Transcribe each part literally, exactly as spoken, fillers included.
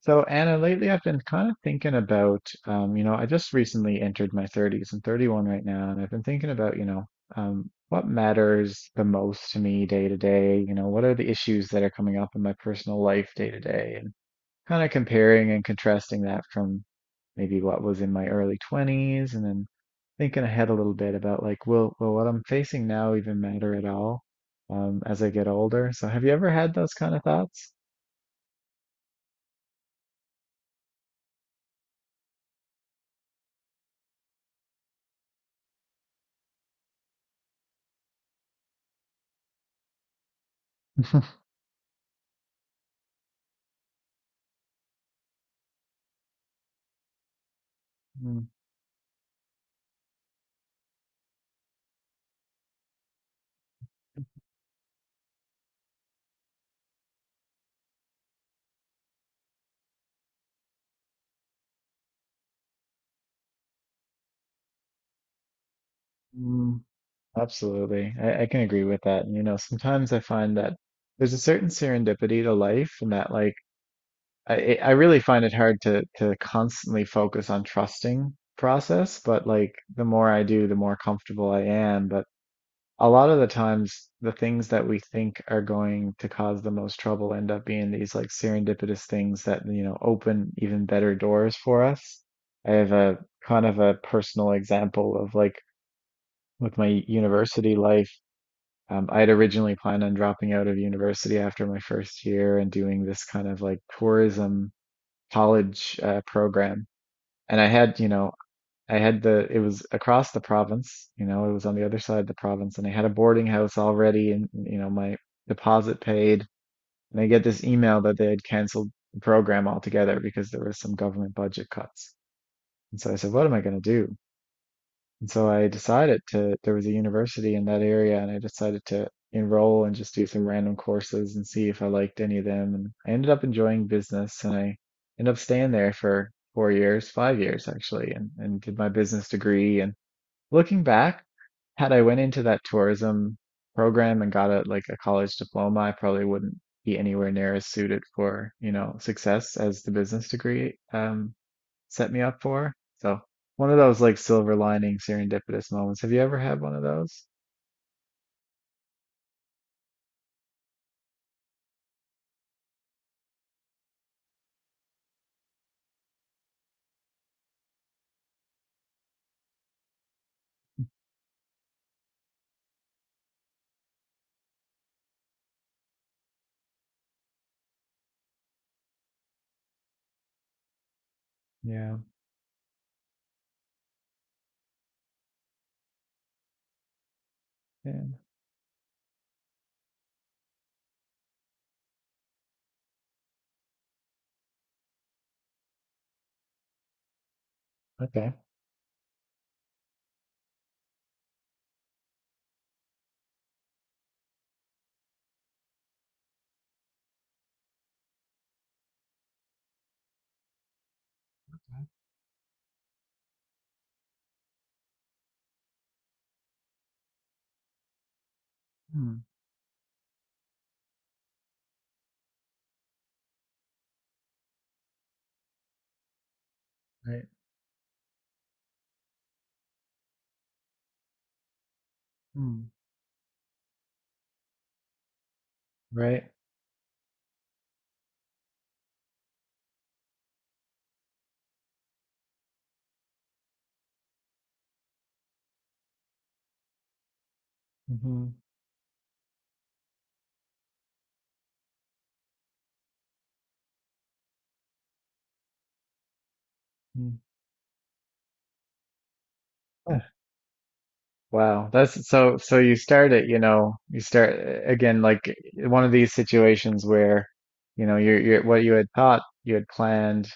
So Anna, lately I've been kind of thinking about, um, you know, I just recently entered my thirties. I'm thirty-one right now, and I've been thinking about, you know, um, what matters the most to me day to day. You know, what are the issues that are coming up in my personal life day to day, and kind of comparing and contrasting that from maybe what was in my early twenties, and then thinking ahead a little bit about like, will, will what I'm facing now even matter at all, um, as I get older? So have you ever had those kind of thoughts? Mhm. Mm, absolutely. I, I can agree with that. And, you know, sometimes I find that there's a certain serendipity to life and that like I I I really find it hard to to constantly focus on trusting process, but like the more I do, the more comfortable I am. But a lot of the times the things that we think are going to cause the most trouble end up being these like serendipitous things that you know open even better doors for us. I have a kind of a personal example of like with my university life. Um, I had originally planned on dropping out of university after my first year and doing this kind of like tourism college uh, program. And I had, you know, I had the it was across the province, you know, it was on the other side of the province, and I had a boarding house already and you know, my deposit paid. And I get this email that they had canceled the program altogether because there was some government budget cuts. And so I said, what am I going to do? And so I decided to, there was a university in that area and I decided to enroll and just do some random courses and see if I liked any of them. And I ended up enjoying business and I ended up staying there for four years, five years actually, and, and did my business degree and looking back, had I went into that tourism program and got a like a college diploma, I probably wouldn't be anywhere near as suited for, you know, success as the business degree um set me up for. So one of those like silver lining serendipitous moments. Have you ever had one of those? Yeah. Yeah. Okay. Hmm. Right. Hmm. Right. Mm-hmm. Wow, that's so so you start it, you know, you start again like one of these situations where, you know, you're, you're what you had thought you had planned,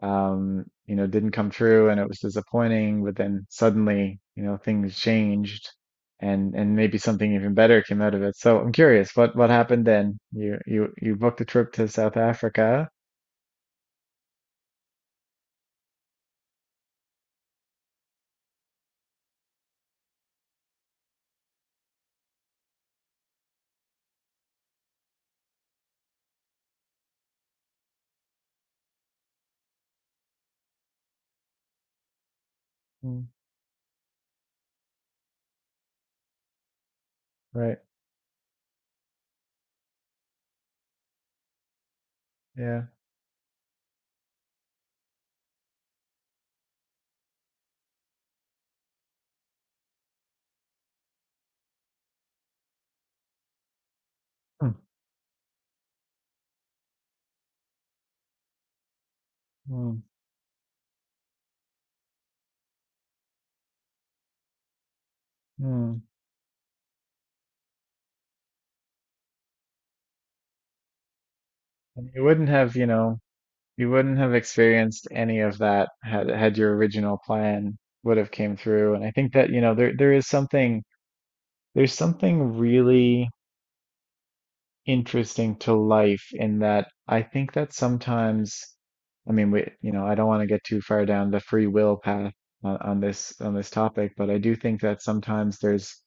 um, you know, didn't come true and it was disappointing, but then suddenly, you know, things changed and and maybe something even better came out of it. So I'm curious, what what happened then? You you you booked a trip to South Africa, Mm, right? Yeah. Mm, mm, mm. And you wouldn't have, you know, You wouldn't have experienced any of that had had your original plan would have came through. And I think that, you know, there there is something there's something really interesting to life in that I think that sometimes I mean we you know, I don't want to get too far down the free will path on, on this on this topic, but I do think that sometimes there's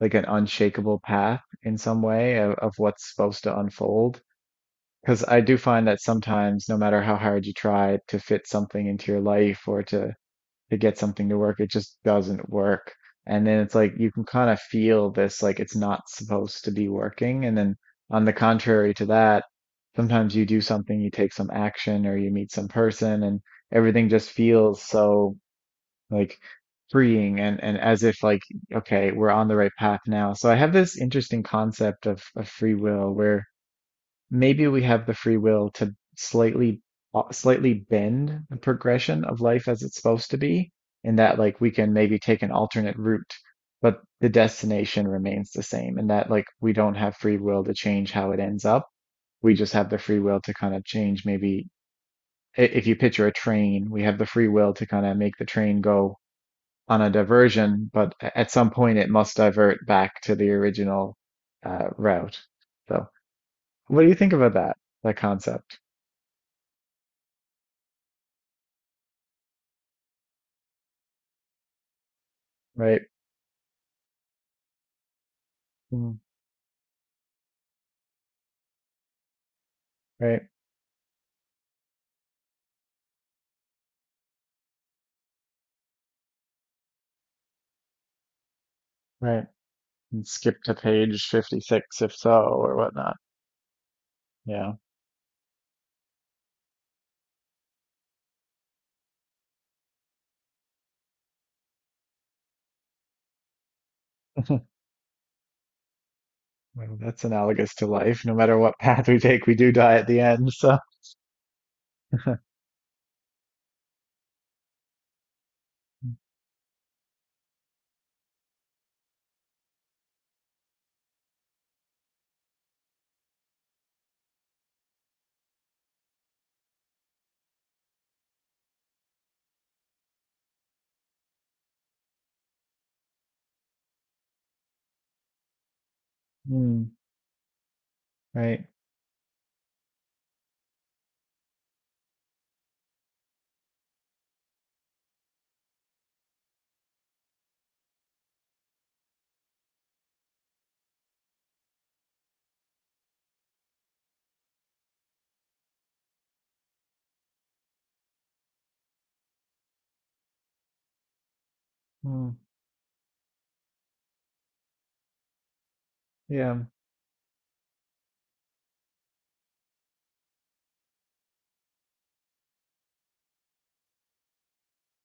like an unshakable path in some way of, of what's supposed to unfold. Because I do find that sometimes, no matter how hard you try to fit something into your life or to to get something to work, it just doesn't work. And then it's like you can kind of feel this, like it's not supposed to be working. And then on the contrary to that, sometimes you do something, you take some action or you meet some person and everything just feels so like freeing and, and as if like, okay, we're on the right path now. So I have this interesting concept of, of free will where maybe we have the free will to slightly uh, slightly bend the progression of life as it's supposed to be in that like we can maybe take an alternate route but the destination remains the same and that like we don't have free will to change how it ends up. We just have the free will to kind of change maybe i- if you picture a train we have the free will to kind of make the train go on a diversion but a- at some point it must divert back to the original uh, route. So what do you think about that that concept? Right. Mm, Right. Right. And skip to page fifty-six if so, or whatnot. Yeah. Well, that's analogous to life. No matter what path we take, we do die at the end. So, mm, right. Mm, yeah.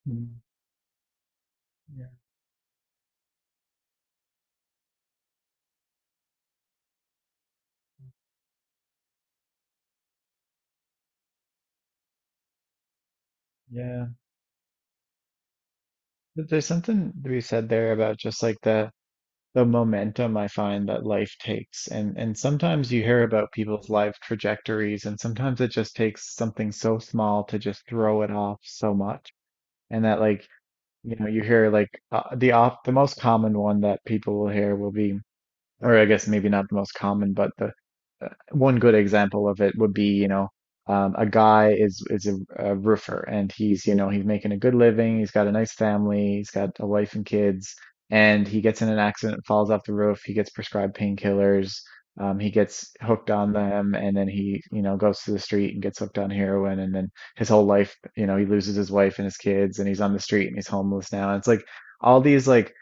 Mm, yeah. Yeah. But there's something to be said there about just like the the momentum I find that life takes. And and sometimes you hear about people's life trajectories, and sometimes it just takes something so small to just throw it off so much. And that like you know, you hear like uh, the op the most common one that people will hear will be or I guess maybe not the most common, but the uh, one good example of it would be, you know, um, a guy is is a, a roofer and he's, you know, he's making a good living, he's got a nice family, he's got a wife and kids, and he gets in an accident, falls off the roof, he gets prescribed painkillers, um, he gets hooked on them, and then he, you know, goes to the street and gets hooked on heroin, and then his whole life, you know, he loses his wife and his kids, and he's on the street and he's homeless now. And it's like all these like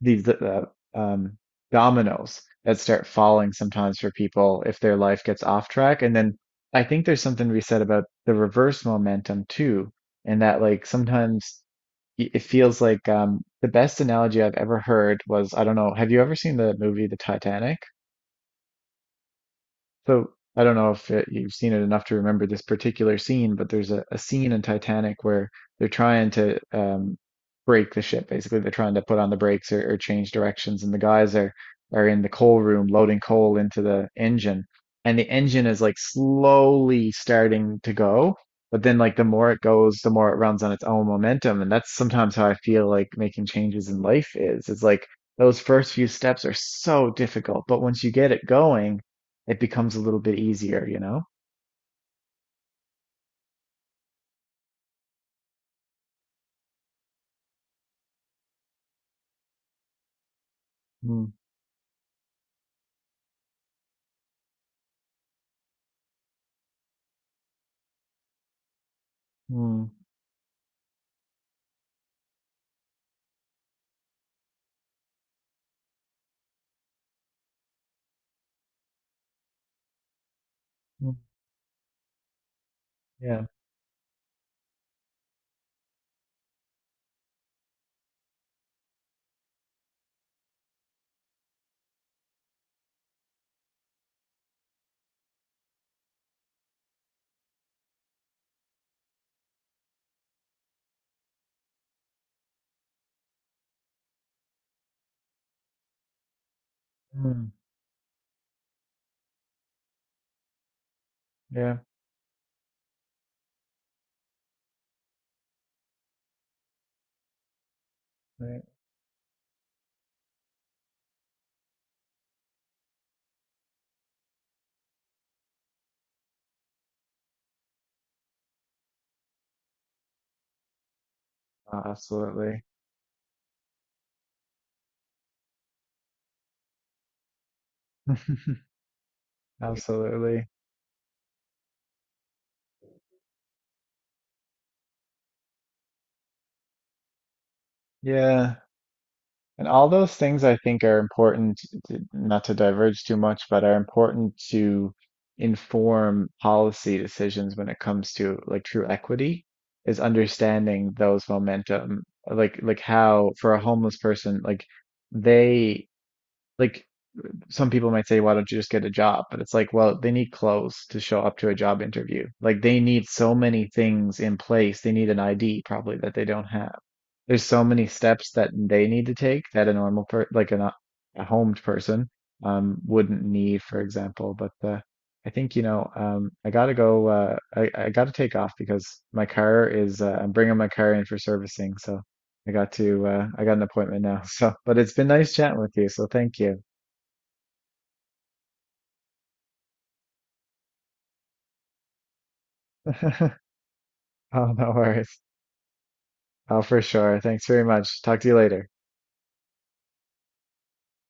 these uh, um, dominoes that start falling sometimes for people if their life gets off track. And then I think there's something to be said about the reverse momentum too, and that like sometimes y- it feels like um, the best analogy I've ever heard was I don't know, have you ever seen the movie The Titanic? So I don't know if uh you've seen it enough to remember this particular scene, but there's a, a scene in Titanic where they're trying to um, brake the ship. Basically, they're trying to put on the brakes or, or change directions, and the guys are are in the coal room loading coal into the engine, and the engine is like slowly starting to go. But then, like the more it goes, the more it runs on its own momentum, and that's sometimes how I feel like making changes in life is. It's like those first few steps are so difficult, but once you get it going it becomes a little bit easier, you know? Mm, mm, mm, yeah, mm, yeah, right. Uh, Absolutely. Absolutely. Yeah. And all those things I think are important, to, not to diverge too much, but are important to inform policy decisions when it comes to like true equity, is understanding those momentum, like like how for a homeless person, like they like some people might say, why don't you just get a job? But it's like, well, they need clothes to show up to a job interview. Like they need so many things in place. They need an I D probably that they don't have. There's so many steps that they need to take that a normal per like an, a homed person um wouldn't need, for example. But uh, I think you know um I gotta go. Uh, I I gotta take off because my car is. Uh, I'm bringing my car in for servicing, so. I got to, uh, I got an appointment now. So, but it's been nice chatting with you. So thank you. Oh, no worries. Oh, for sure. Thanks very much. Talk to you later.